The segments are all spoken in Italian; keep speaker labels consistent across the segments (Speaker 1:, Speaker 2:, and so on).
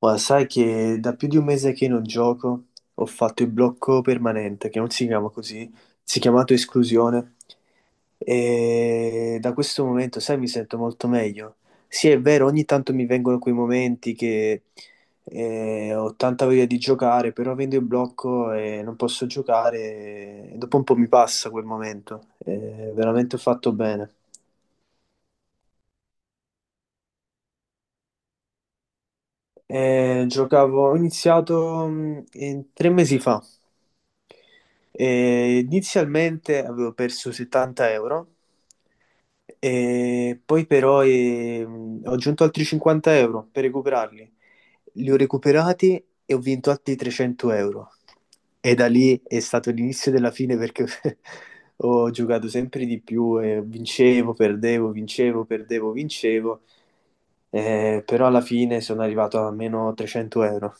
Speaker 1: Ma sai che da più di un mese che non gioco, ho fatto il blocco permanente, che non si chiama così, si è chiamato esclusione. E da questo momento, sai, mi sento molto meglio. Sì, è vero, ogni tanto mi vengono quei momenti che ho tanta voglia di giocare, però avendo il blocco e non posso giocare, e dopo un po' mi passa quel momento. Veramente ho fatto bene. Giocavo, ho iniziato tre mesi fa. Inizialmente avevo perso 70 euro e poi però ho aggiunto altri 50 euro per recuperarli. Li ho recuperati e ho vinto altri 300 euro. E da lì è stato l'inizio della fine perché ho giocato sempre di più e vincevo, perdevo, vincevo, perdevo, vincevo. Però alla fine sono arrivato a meno 300 euro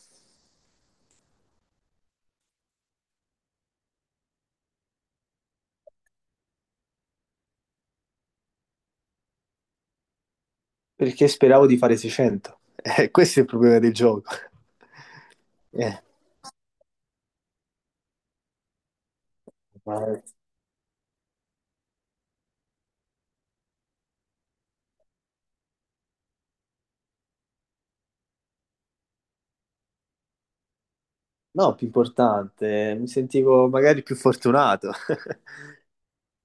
Speaker 1: perché speravo di fare 600. Questo è il problema del gioco. Eh, ma- No, più importante, mi sentivo magari più fortunato.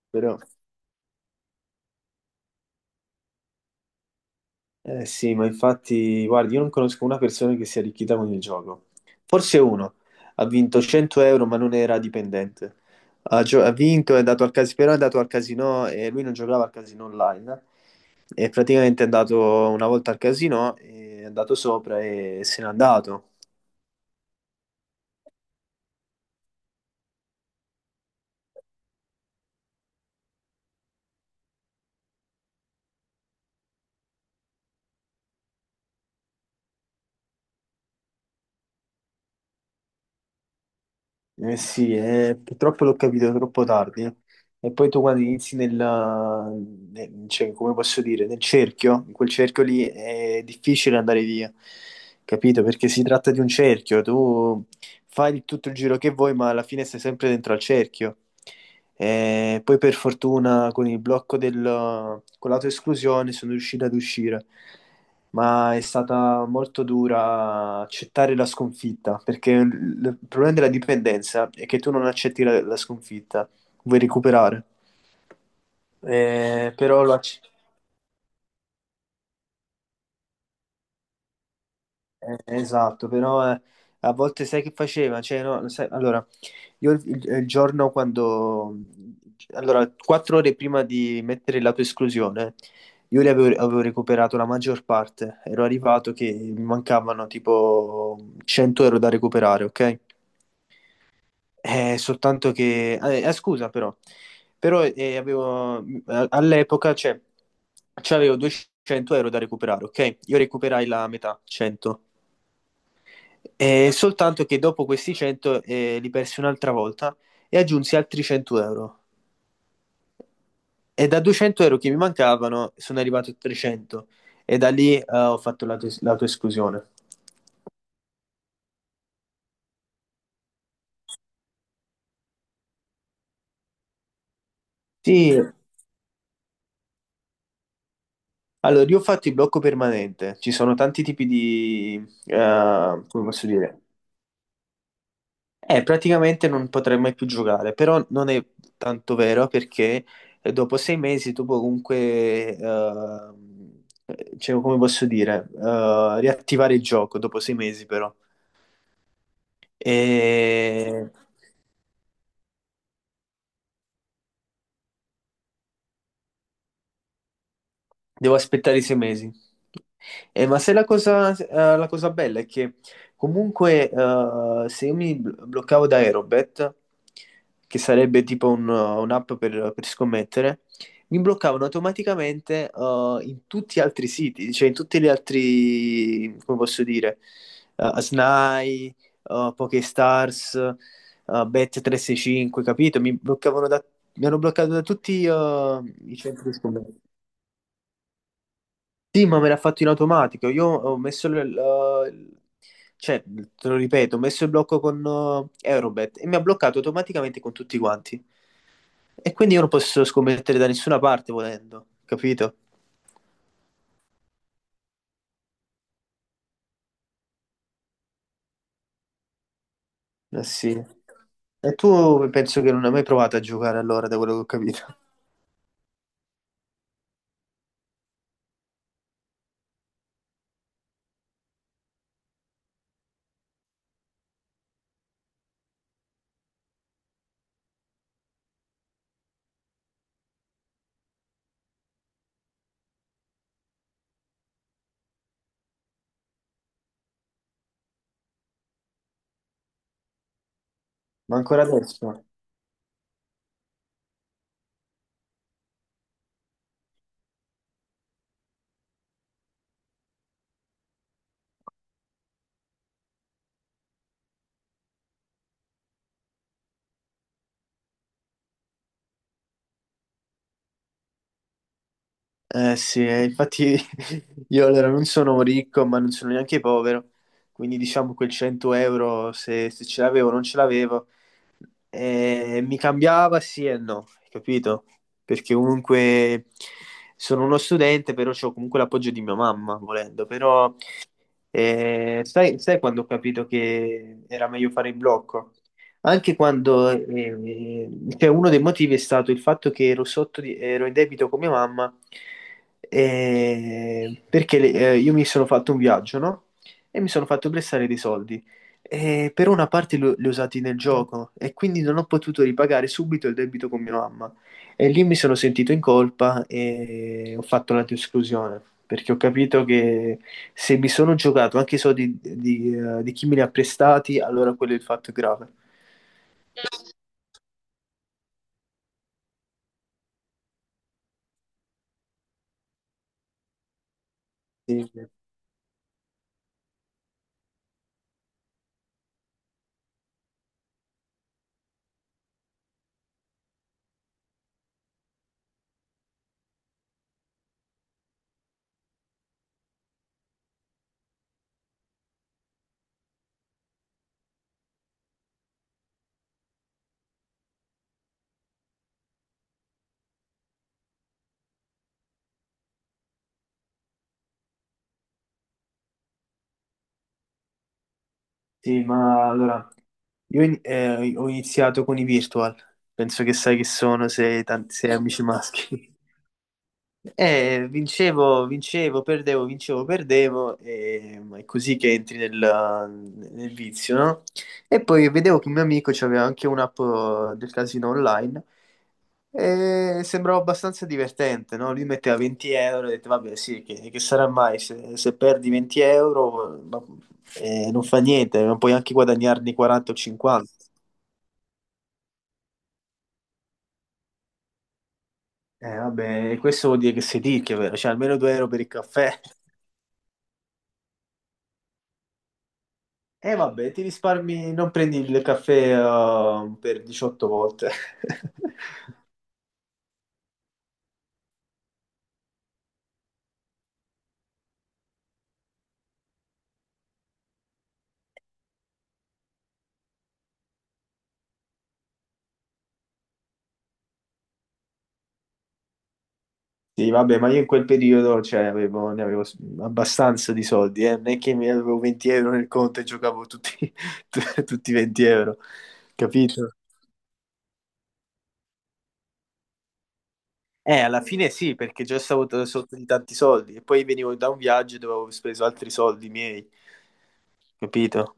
Speaker 1: Però eh sì, ma infatti, guardi, io non conosco una persona che si è arricchita con il gioco. Forse uno ha vinto 100 euro, ma non era dipendente. Ha vinto, è andato al casino, però è andato al casino e lui non giocava al casino online. E praticamente è andato una volta al casino, è andato sopra e se n'è andato. Eh sì, purtroppo l'ho capito troppo tardi. E poi tu quando inizi cioè, come posso dire, nel cerchio, in quel cerchio lì è difficile andare via, capito? Perché si tratta di un cerchio, tu tutto il giro che vuoi, ma alla fine sei sempre dentro al cerchio. E poi per fortuna con il blocco con l'autoesclusione sono riuscito ad uscire, ma è stata molto dura accettare la sconfitta, perché il problema della dipendenza è che tu non accetti la sconfitta, vuoi recuperare. Eh, però lo acc- esatto, però a volte sai che faceva? Cioè, no, sai- Allora, il giorno quando... Allora, quattro ore prima di mettere la tua esclusione, avevo recuperato la maggior parte. Ero arrivato che mi mancavano tipo 100 euro da recuperare, ok? Soltanto che... scusa però, però avevo... All'epoca, cioè, c'avevo 200 euro da recuperare, ok? Io recuperai la metà, 100. Soltanto che dopo questi 100 li persi un'altra volta e aggiunsi altri 100 euro. E da 200 euro che mi mancavano sono arrivato a 300 e da lì ho fatto l'autoesclusione. Sì, allora io ho fatto il blocco permanente, ci sono tanti tipi di, eh, come posso dire. Praticamente non potrei mai più giocare, però non è tanto vero perché dopo sei mesi tu puoi comunque, cioè, come posso dire, riattivare il gioco dopo sei mesi però. E devo aspettare i sei mesi. Ma se la cosa, la cosa bella è che comunque se io bloccavo da Aerobet, che sarebbe tipo un'app per scommettere, mi bloccavano automaticamente in tutti gli altri siti, cioè in tutti gli altri, come posso dire, Snai, Pokestars, Bet365, capito? Mi hanno bloccato da tutti i centri di scommesse. Sì, ma me l'ha fatto in automatico. Io ho messo cioè, te lo ripeto, ho messo il blocco con Eurobet e mi ha bloccato automaticamente con tutti quanti. E quindi io non posso scommettere da nessuna parte volendo, capito? Eh sì. E tu penso che non hai mai provato a giocare allora, da quello che ho capito. Ma ancora adesso? Eh sì, infatti io allora non sono ricco, ma non sono neanche povero. Quindi diciamo quel 100 euro, se ce l'avevo o non ce l'avevo, mi cambiava sì e no, capito? Perché comunque sono uno studente, però ho comunque l'appoggio di mia mamma, volendo. Però e sai, sai quando ho capito che era meglio fare in blocco? Anche quando eh, cioè, uno dei motivi è stato il fatto che ero, ero in debito con mia mamma io mi sono fatto un viaggio, no? E mi sono fatto prestare dei soldi. E per una parte li ho usati nel gioco e quindi non ho potuto ripagare subito il debito con mia mamma. E lì mi sono sentito in colpa e ho fatto una esclusione perché ho capito che se mi sono giocato anche i soldi di chi me li ha prestati, allora quello è il fatto grave. Sì, sì, ma allora ho iniziato con i virtual, penso che sai che sono, sei, tanti, sei amici maschi. Vincevo, vincevo, perdevo, e ma è così che entri nel vizio, no? E poi vedevo che un mio amico aveva anche un'app del casino online e sembrava abbastanza divertente, no? Lui metteva 20 euro e detto, vabbè, sì, che sarà mai se perdi 20 euro, ma- non fa niente, non puoi anche guadagnarne 40 o 50. Vabbè, questo vuol dire che sei ricco, vero? Cioè, almeno 2 euro per il caffè. E vabbè, ti risparmi, non prendi il caffè per 18 volte. Sì, vabbè, ma io in quel periodo cioè, ne avevo abbastanza di soldi, eh. Non è che mi avevo 20 euro nel conto e giocavo tutti, tutti i 20 euro, capito? Alla fine sì, perché già stavo sotto di tanti soldi e poi venivo da un viaggio dove avevo speso altri soldi miei. Capito?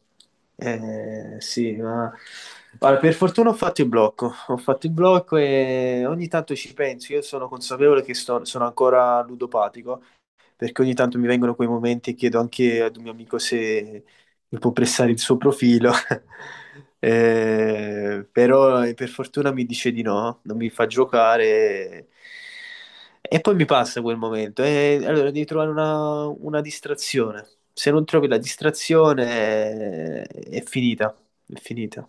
Speaker 1: Sì, ma guarda, per fortuna ho fatto il blocco, ho fatto il blocco e ogni tanto ci penso, io sono consapevole che sono ancora ludopatico, perché ogni tanto mi vengono quei momenti e chiedo anche ad un mio amico se mi può prestare il suo profilo. Però per fortuna mi dice di no, non mi fa giocare e poi mi passa quel momento. E allora devi trovare una distrazione. Se non trovi la distrazione, è finita, è finita.